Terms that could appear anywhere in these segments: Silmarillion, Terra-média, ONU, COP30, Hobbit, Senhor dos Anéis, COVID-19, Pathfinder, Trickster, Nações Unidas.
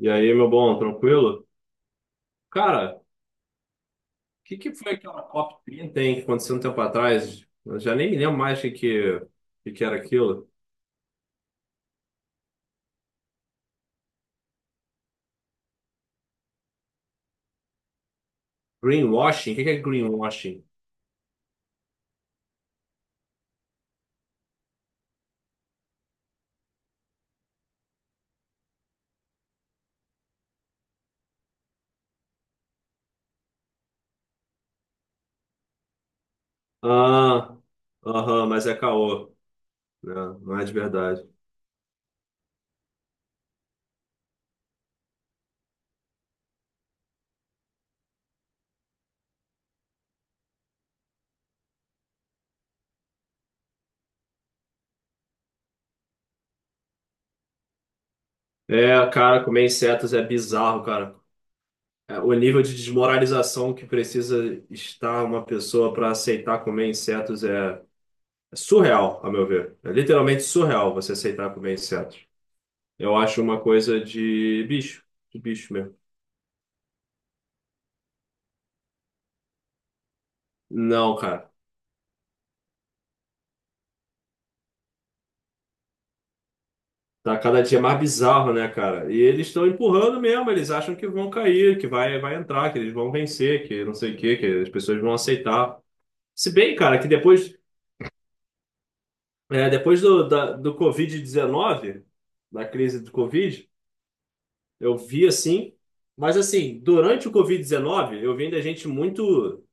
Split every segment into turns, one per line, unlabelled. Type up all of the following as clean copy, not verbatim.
E aí, meu bom, tranquilo? Cara, o que foi aquela COP30, hein, que aconteceu um tempo atrás? Eu já nem me lembro mais o que era aquilo. Greenwashing? O que é greenwashing? Ah, aham, mas é caô, né? Não é de verdade. É, cara, comer insetos é bizarro, cara. É, o nível de desmoralização que precisa estar uma pessoa para aceitar comer insetos é surreal, a meu ver. É literalmente surreal você aceitar comer insetos. Eu acho uma coisa de bicho mesmo. Não, cara. Tá cada dia mais bizarro, né, cara? E eles estão empurrando mesmo, eles acham que vão cair, que vai entrar, que eles vão vencer, que não sei o quê, que as pessoas vão aceitar. Se bem, cara, que depois, é, depois do Covid-19, da crise do Covid, eu vi assim. Mas assim, durante o Covid-19, eu vi ainda gente muito,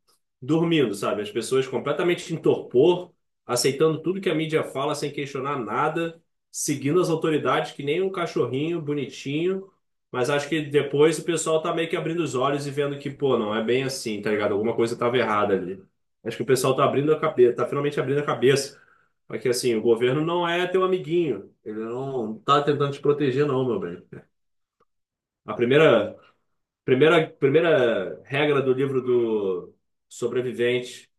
dormindo, sabe? As pessoas completamente em torpor, aceitando tudo que a mídia fala sem questionar nada, seguindo as autoridades que nem um cachorrinho bonitinho. Mas acho que depois o pessoal tá meio que abrindo os olhos e vendo que, pô, não é bem assim, tá ligado? Alguma coisa tava errada ali. Acho que o pessoal tá abrindo a cabeça, tá finalmente abrindo a cabeça. Porque assim, o governo não é teu amiguinho. Ele não tá tentando te proteger, não, meu bem. A primeira regra do livro do sobrevivente.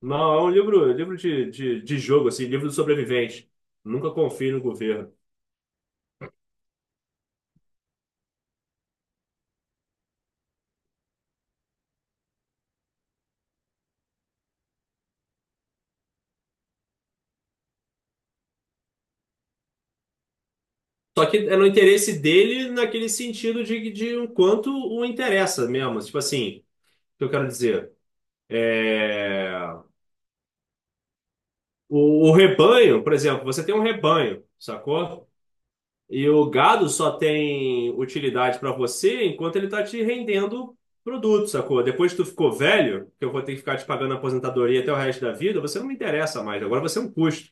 Não, é um livro, livro de jogo, assim, livro do sobrevivente. Nunca confie no governo. Só que é no interesse dele naquele sentido de o quanto o interessa mesmo. Tipo assim, o que eu quero dizer? É... O rebanho, por exemplo, você tem um rebanho, sacou? E o gado só tem utilidade para você enquanto ele tá te rendendo produto, sacou? Depois que tu ficou velho, que eu vou ter que ficar te pagando aposentadoria até o resto da vida, você não me interessa mais. Agora você é um custo.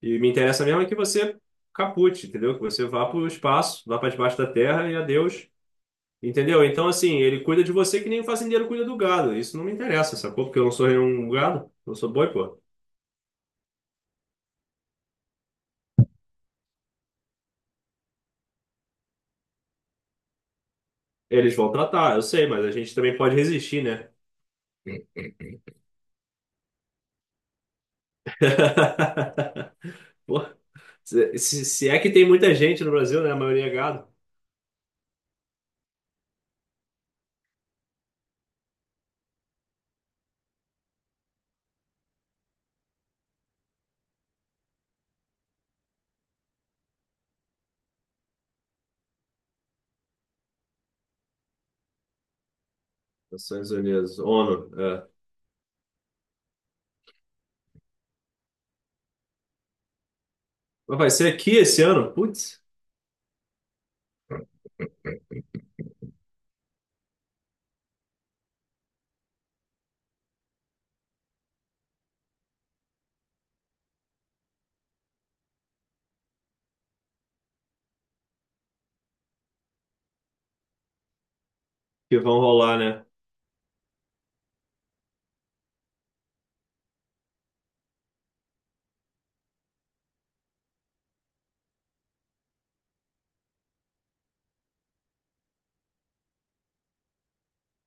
E me interessa mesmo é que você capute, entendeu? Que você vá para o espaço, vá para debaixo da terra e adeus, entendeu? Então, assim, ele cuida de você que nem o fazendeiro cuida do gado. Isso não me interessa, sacou? Porque eu não sou nenhum gado, eu sou boi, pô. Eles vão tratar, eu sei, mas a gente também pode resistir, né? Pô, se é que tem muita gente no Brasil, né? A maioria é gado. Nações Unidas, ONU, é. Mas vai ser aqui esse ano? Putz, que vão rolar, né?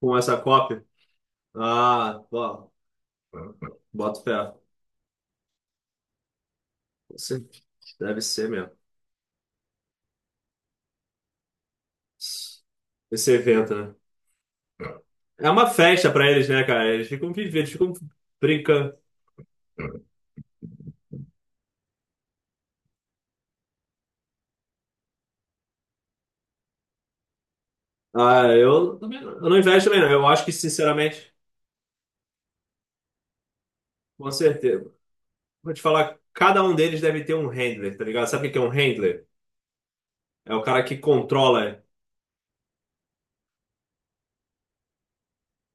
Com essa COP. Ah, ó, boto fé. Deve ser mesmo. Esse evento, né? É uma festa pra eles, né, cara? Eles ficam vivendo, eles ficam brincando. Ah, eu, também não- eu não invejo também, não. Eu acho que, sinceramente, com certeza. Vou te falar, cada um deles deve ter um handler, tá ligado? Sabe o que é um handler? É o cara que controla.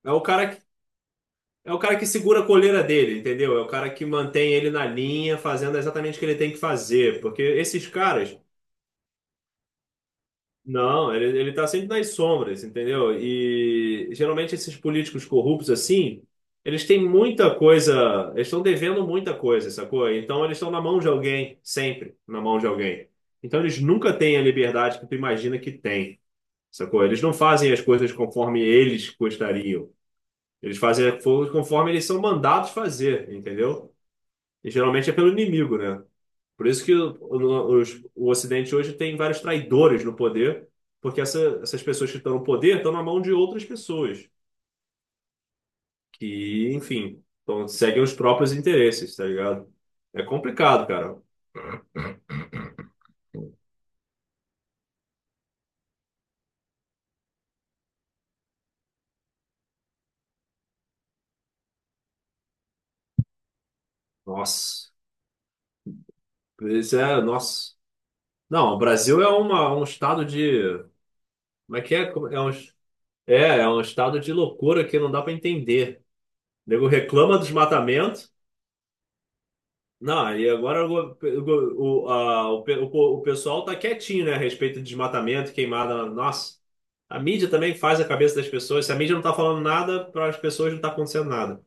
É o cara que, é o cara que segura a coleira dele, entendeu? É o cara que mantém ele na linha, fazendo exatamente o que ele tem que fazer. Porque esses caras. Não, ele tá sempre nas sombras, entendeu? E geralmente esses políticos corruptos assim, eles têm muita coisa, eles estão devendo muita coisa, sacou? Então eles estão na mão de alguém, sempre na mão de alguém. Então eles nunca têm a liberdade que tu imagina que tem, sacou? Eles não fazem as coisas conforme eles gostariam. Eles fazem as coisas conforme eles são mandados fazer, entendeu? E geralmente é pelo inimigo, né? Por isso que o Ocidente hoje tem vários traidores no poder, porque essas pessoas que estão no poder estão na mão de outras pessoas que, enfim, então, seguem os próprios interesses, tá ligado? É complicado, cara. Nossa. Isso é, nossa. Não, o Brasil é uma, um estado de. Como é que é? Como- é um, é um estado de loucura que não dá pra entender. O nego reclama dos desmatamento. Não, e agora o, a- o pe- o po- o pessoal tá quietinho, né, a respeito de desmatamento, queimada. Nossa, a mídia também faz a cabeça das pessoas. Se a mídia não tá falando nada, para as pessoas não tá acontecendo nada.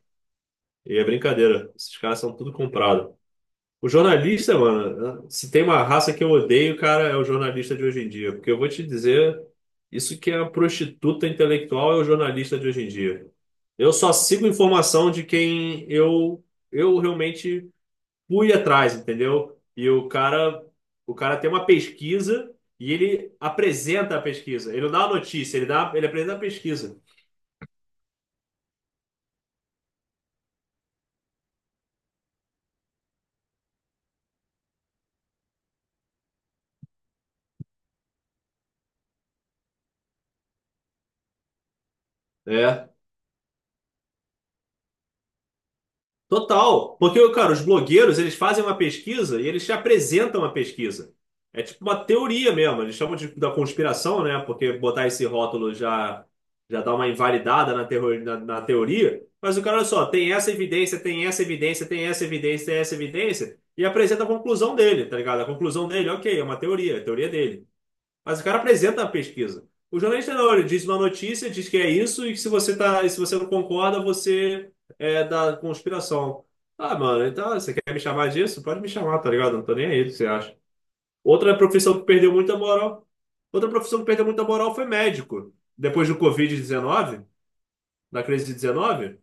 E é brincadeira. Esses caras são tudo comprado. O jornalista, mano, se tem uma raça que eu odeio, cara, é o jornalista de hoje em dia. Porque eu vou te dizer, isso que é a prostituta intelectual é o jornalista de hoje em dia. Eu só sigo informação de quem eu realmente fui atrás, entendeu? E o cara tem uma pesquisa e ele apresenta a pesquisa. Ele não dá a notícia, ele dá, ele apresenta a pesquisa. É. Total, porque, cara, os blogueiros, eles fazem uma pesquisa e eles te apresentam a pesquisa. É tipo uma teoria mesmo, eles chamam de, da conspiração, né? Porque botar esse rótulo já, já dá uma invalidada na na teoria. Mas o cara, olha só, tem essa evidência, tem essa evidência, tem essa evidência, tem essa evidência, e apresenta a conclusão dele, tá ligado? A conclusão dele, ok, é uma teoria, é a teoria dele. Mas o cara apresenta a pesquisa. O jornalista não, ele diz uma notícia, diz que é isso, e que se você não concorda, você é da conspiração. Ah, mano, então você quer me chamar disso? Pode me chamar, tá ligado? Não tô nem aí, o que você acha? Outra profissão que perdeu muita moral. Outra profissão que perdeu muita moral foi médico. Depois do Covid-19, da crise de 19,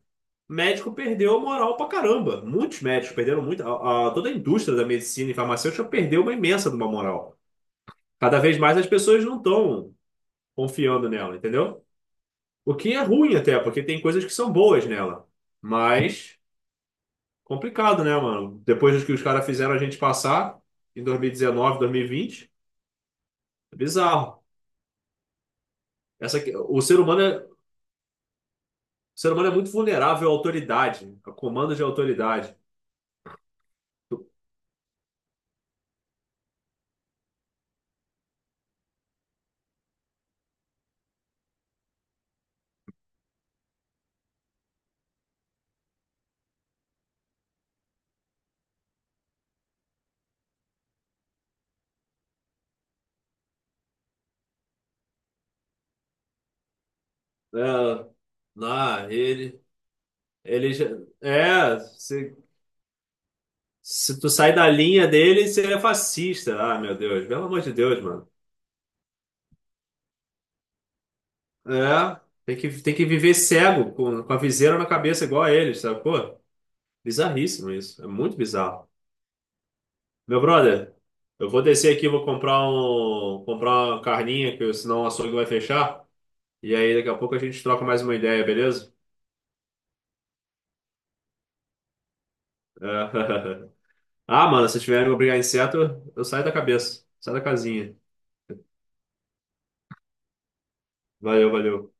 médico perdeu moral pra caramba. Muitos médicos perderam muito. Toda a indústria da medicina e farmacêutica perdeu uma imensa de uma moral. Cada vez mais as pessoas não estão confiando nela, entendeu? O que é ruim até, porque tem coisas que são boas nela. Mas complicado, né, mano? Depois do que os caras fizeram a gente passar em 2019, 2020, é bizarro. Essa, que o ser humano é, o ser humano é muito vulnerável à autoridade, a comando de autoridade. É, lá, ele já, é, se tu sai da linha dele, você é fascista. Ah, meu Deus, pelo amor de Deus, mano. É, tem que viver cego, com a viseira na cabeça igual a eles, sabe? Pô, bizarríssimo isso. É muito bizarro. Meu brother, eu vou descer aqui, comprar uma carninha, que senão o açougue vai fechar. E aí daqui a pouco a gente troca mais uma ideia, beleza? É. Ah, mano, se tiverem que brigar inseto, eu saio da cabeça. Saio da casinha. Valeu.